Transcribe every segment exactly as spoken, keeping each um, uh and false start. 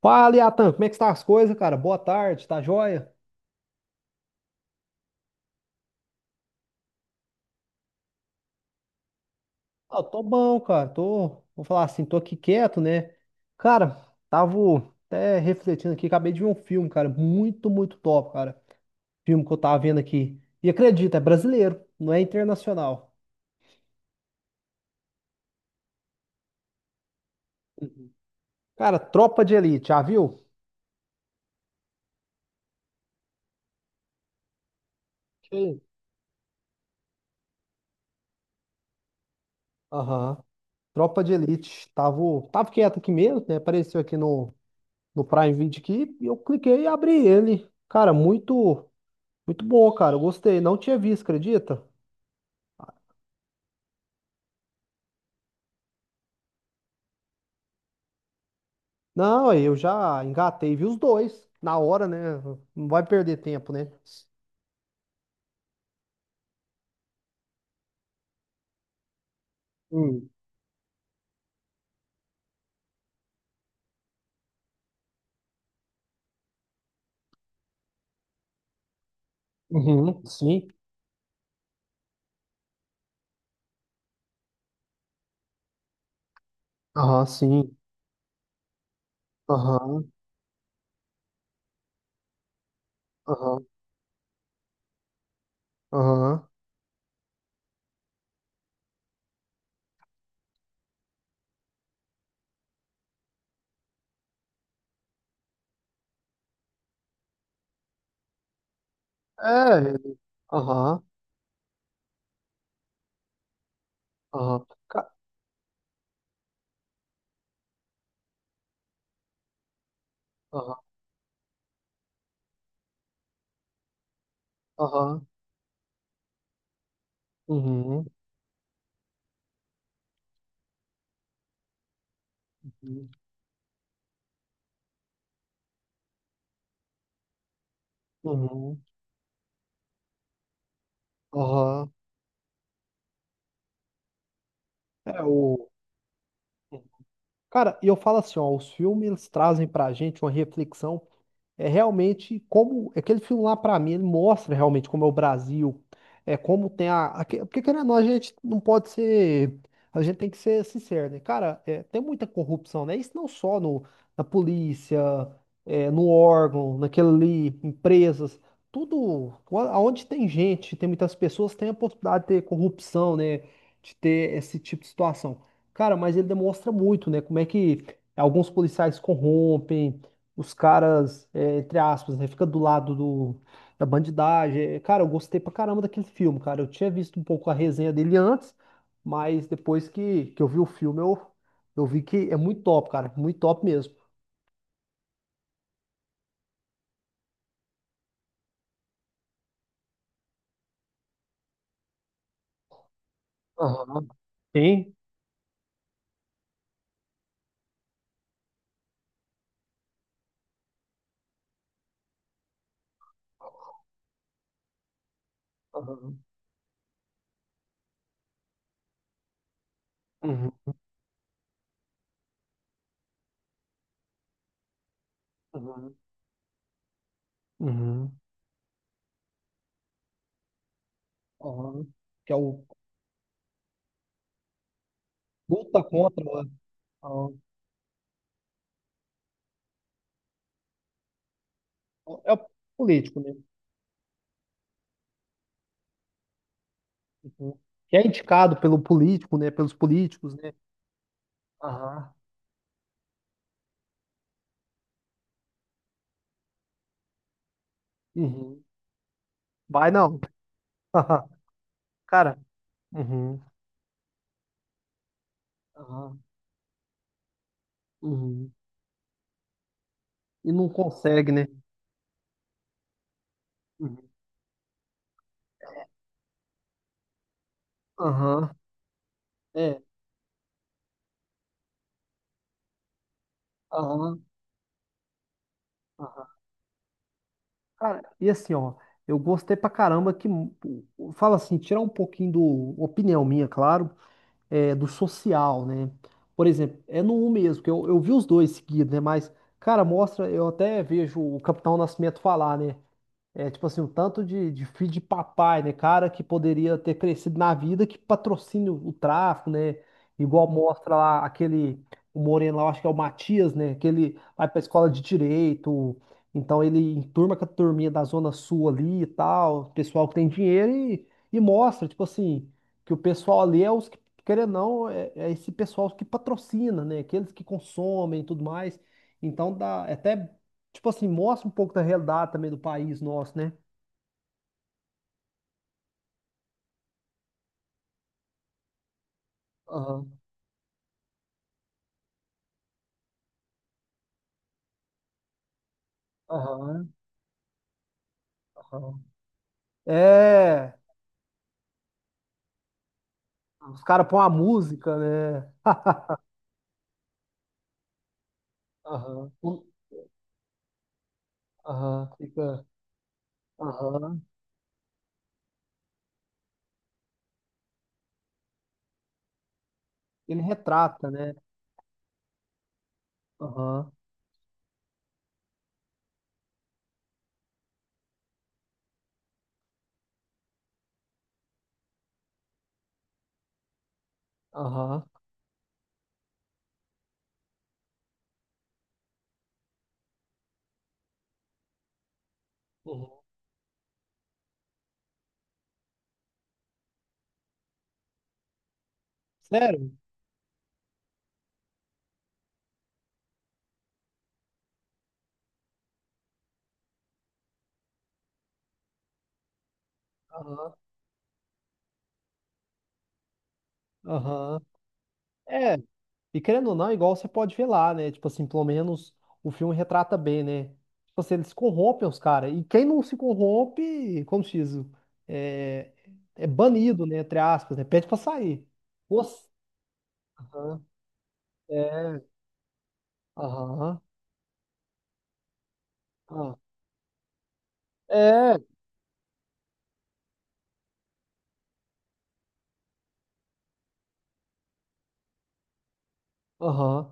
Fala, Iatan. Como é que está as coisas, cara? Boa tarde, tá joia? Ah, eu tô bom, cara. Tô, vou falar assim, tô aqui quieto, né? Cara, tava até refletindo aqui, acabei de ver um filme, cara, muito, muito top, cara. Filme que eu tava vendo aqui. E acredita, é brasileiro, não é internacional. Cara, Tropa de Elite, já viu? Sim. Aham. Tropa de Elite. Tava, tava quieto aqui mesmo, né? Apareceu aqui no, no Prime Video aqui, e eu cliquei e abri ele. Cara, muito, muito bom, cara. Eu gostei, não tinha visto, acredita? Não, eu já engatei, vi os dois na hora, né? Não vai perder tempo, né? Hum. Uhum, sim. Aham, sim. Aham, aham, aham. É, ele- aham, aham. Ca- Aham, aham. Uhum, uhum, uhum, aham. É o. Cara, e eu falo assim, ó, os filmes trazem pra gente uma reflexão é realmente como aquele filme lá pra mim, ele mostra realmente como é o Brasil, é como tem a, aque- porque querendo ou não, a gente não pode ser, a gente tem que ser sincero, né? Cara, é, tem muita corrupção, né? Isso não só no, na polícia, é, no órgão, naquele ali, empresas, tudo, aonde tem gente, tem muitas pessoas, tem a possibilidade de ter corrupção, né? De ter esse tipo de situação. Cara, mas ele demonstra muito, né? Como é que alguns policiais corrompem, os caras entre aspas, né? Fica do lado do, da bandidagem. É, cara, eu gostei pra caramba daquele filme, cara. Eu tinha visto um pouco a resenha dele antes, mas depois que, que eu vi o filme, eu, eu vi que é muito top, cara. Muito top mesmo. Aham. Sim. Aham, uhum. Uhum. Uhum. Aham. Que é o luta contra o- a- é o político, né? Uhum. Que é indicado pelo político, né? Pelos políticos, né? Aham. Uhum. Vai não. Cara, uhum. Aham, uhum. E não consegue, né? Uhum. Aham, é, aham, aham. Cara, e assim, ó, eu gostei pra caramba que, fala assim, tirar um pouquinho do, opinião minha, claro, é, do social, né? Por exemplo, é no um mesmo, que eu, eu vi os dois seguidos, né? Mas, cara, mostra, eu até vejo o Capitão Nascimento falar, né? É tipo assim, o tanto de, de filho de papai, né? Cara que poderia ter crescido na vida que patrocina o tráfico, né? Igual mostra lá aquele, o Moreno lá, eu acho que é o Matias, né? Que ele vai pra escola de direito, então ele enturma com a turminha da Zona Sul ali e tal, pessoal que tem dinheiro e, e mostra, tipo assim, que o pessoal ali é os que, querendo ou não, é, é esse pessoal que patrocina, né? Aqueles que consomem e tudo mais. Então dá é até. Tipo assim, mostra um pouco da realidade também do país nosso, né? Aham, aham, aham. É, os caras põem a música, né? Aham, um- aham, fica, aham. Ele retrata, né? Aham, aham, uhum. Sério? Aham, aham. É, e querendo ou não, é igual você pode ver lá, né? Tipo assim, pelo menos o filme retrata bem, né? Tipo assim, eles corrompem os caras. E quem não se corrompe, como se diz, é, é banido, né? Entre aspas, né? Pede pra sair. Nossa. Aham. É, aham. Ah, é, aham.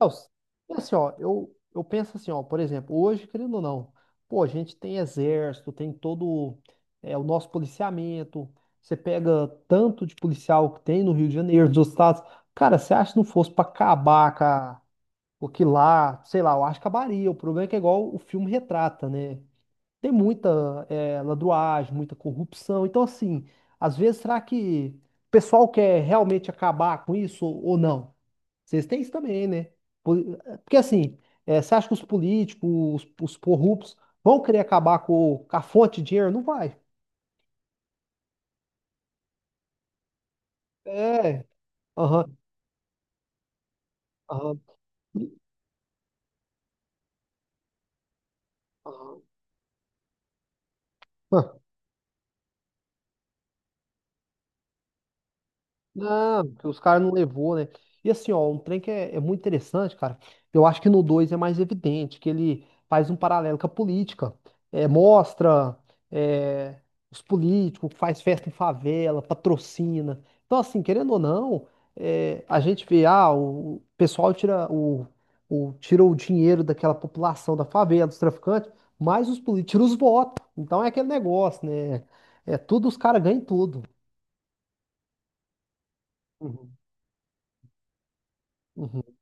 É, os- e assim, ó, eu, eu penso assim, ó, por exemplo, hoje, querendo ou não, pô, a gente tem exército, tem todo é, o nosso policiamento, você pega tanto de policial que tem no Rio de Janeiro, nos outros estados, cara, você acha que não fosse pra acabar com a- com aquilo lá, sei lá, eu acho que acabaria, o problema é que é igual o filme retrata, né? Tem muita é, ladruagem, muita corrupção, então assim, às vezes será que o pessoal quer realmente acabar com isso ou ou não? Vocês têm isso também, né? Po- Porque assim, eh, você acha que os políticos, os, os corruptos, vão querer acabar com, com a fonte de dinheiro? Não vai. É. Aham. Aham. Aham. Não, porque os caras não levou, né? E assim, ó, um trem que é, é muito interessante, cara. Eu acho que no dois é mais evidente, que ele faz um paralelo com a política. É, mostra é, os políticos, faz festa em favela, patrocina. Então, assim, querendo ou não, é, a gente vê, ah, o, o pessoal tira o, o, tira o dinheiro daquela população da favela, dos traficantes, mas os políticos tiram os votos. Então é aquele negócio, né? É tudo, os caras ganham tudo. Uhum.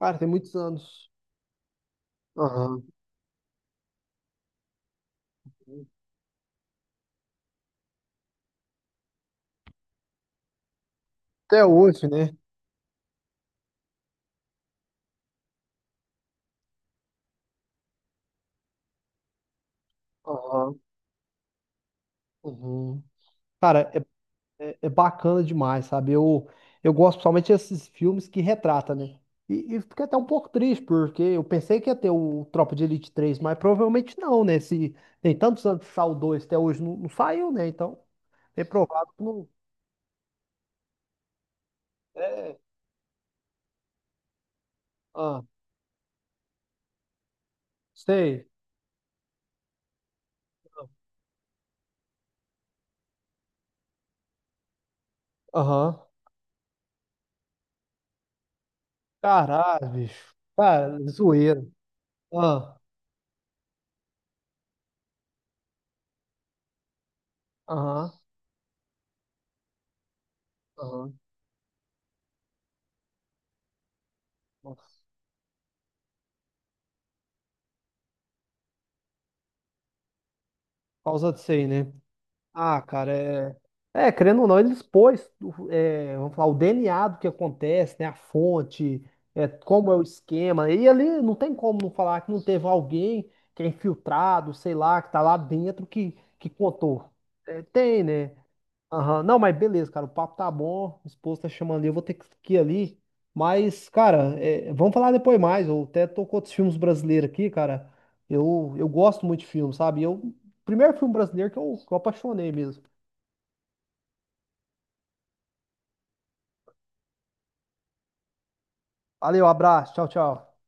Cara, tem muitos anos. Aham. Até hoje, né? Aham. Uhum. Cara, é, é, é bacana demais, sabe? Eu, eu gosto principalmente desses filmes que retrata, né? E, e fiquei até um pouco triste, porque eu pensei que ia ter o Tropa de Elite três mas provavelmente não, né? Se tem tantos anos que saiu o dois, até hoje não, não saiu, né? Então, é provável que não. É, ah, sei. Aham. Caralho, bicho. Cara, zoeira. Ah, aham, aham. Por causa disso aí, né? Ah, cara, é. É, querendo ou não, ele expôs, é, vamos falar, o D N A do que acontece, né? A fonte, é, como é o esquema. E ali não tem como não falar que não teve alguém que é infiltrado, sei lá, que tá lá dentro que, que contou. É, tem, né? Aham. Não, mas beleza, cara. O papo tá bom. O esposo tá chamando ali. Eu vou ter que ir ali. Mas, cara, é, vamos falar depois mais. Eu até tô com outros filmes brasileiros aqui, cara. Eu, eu gosto muito de filme, sabe? Eu, primeiro filme brasileiro que eu, que eu apaixonei mesmo. Valeu, abraço. Tchau, tchau.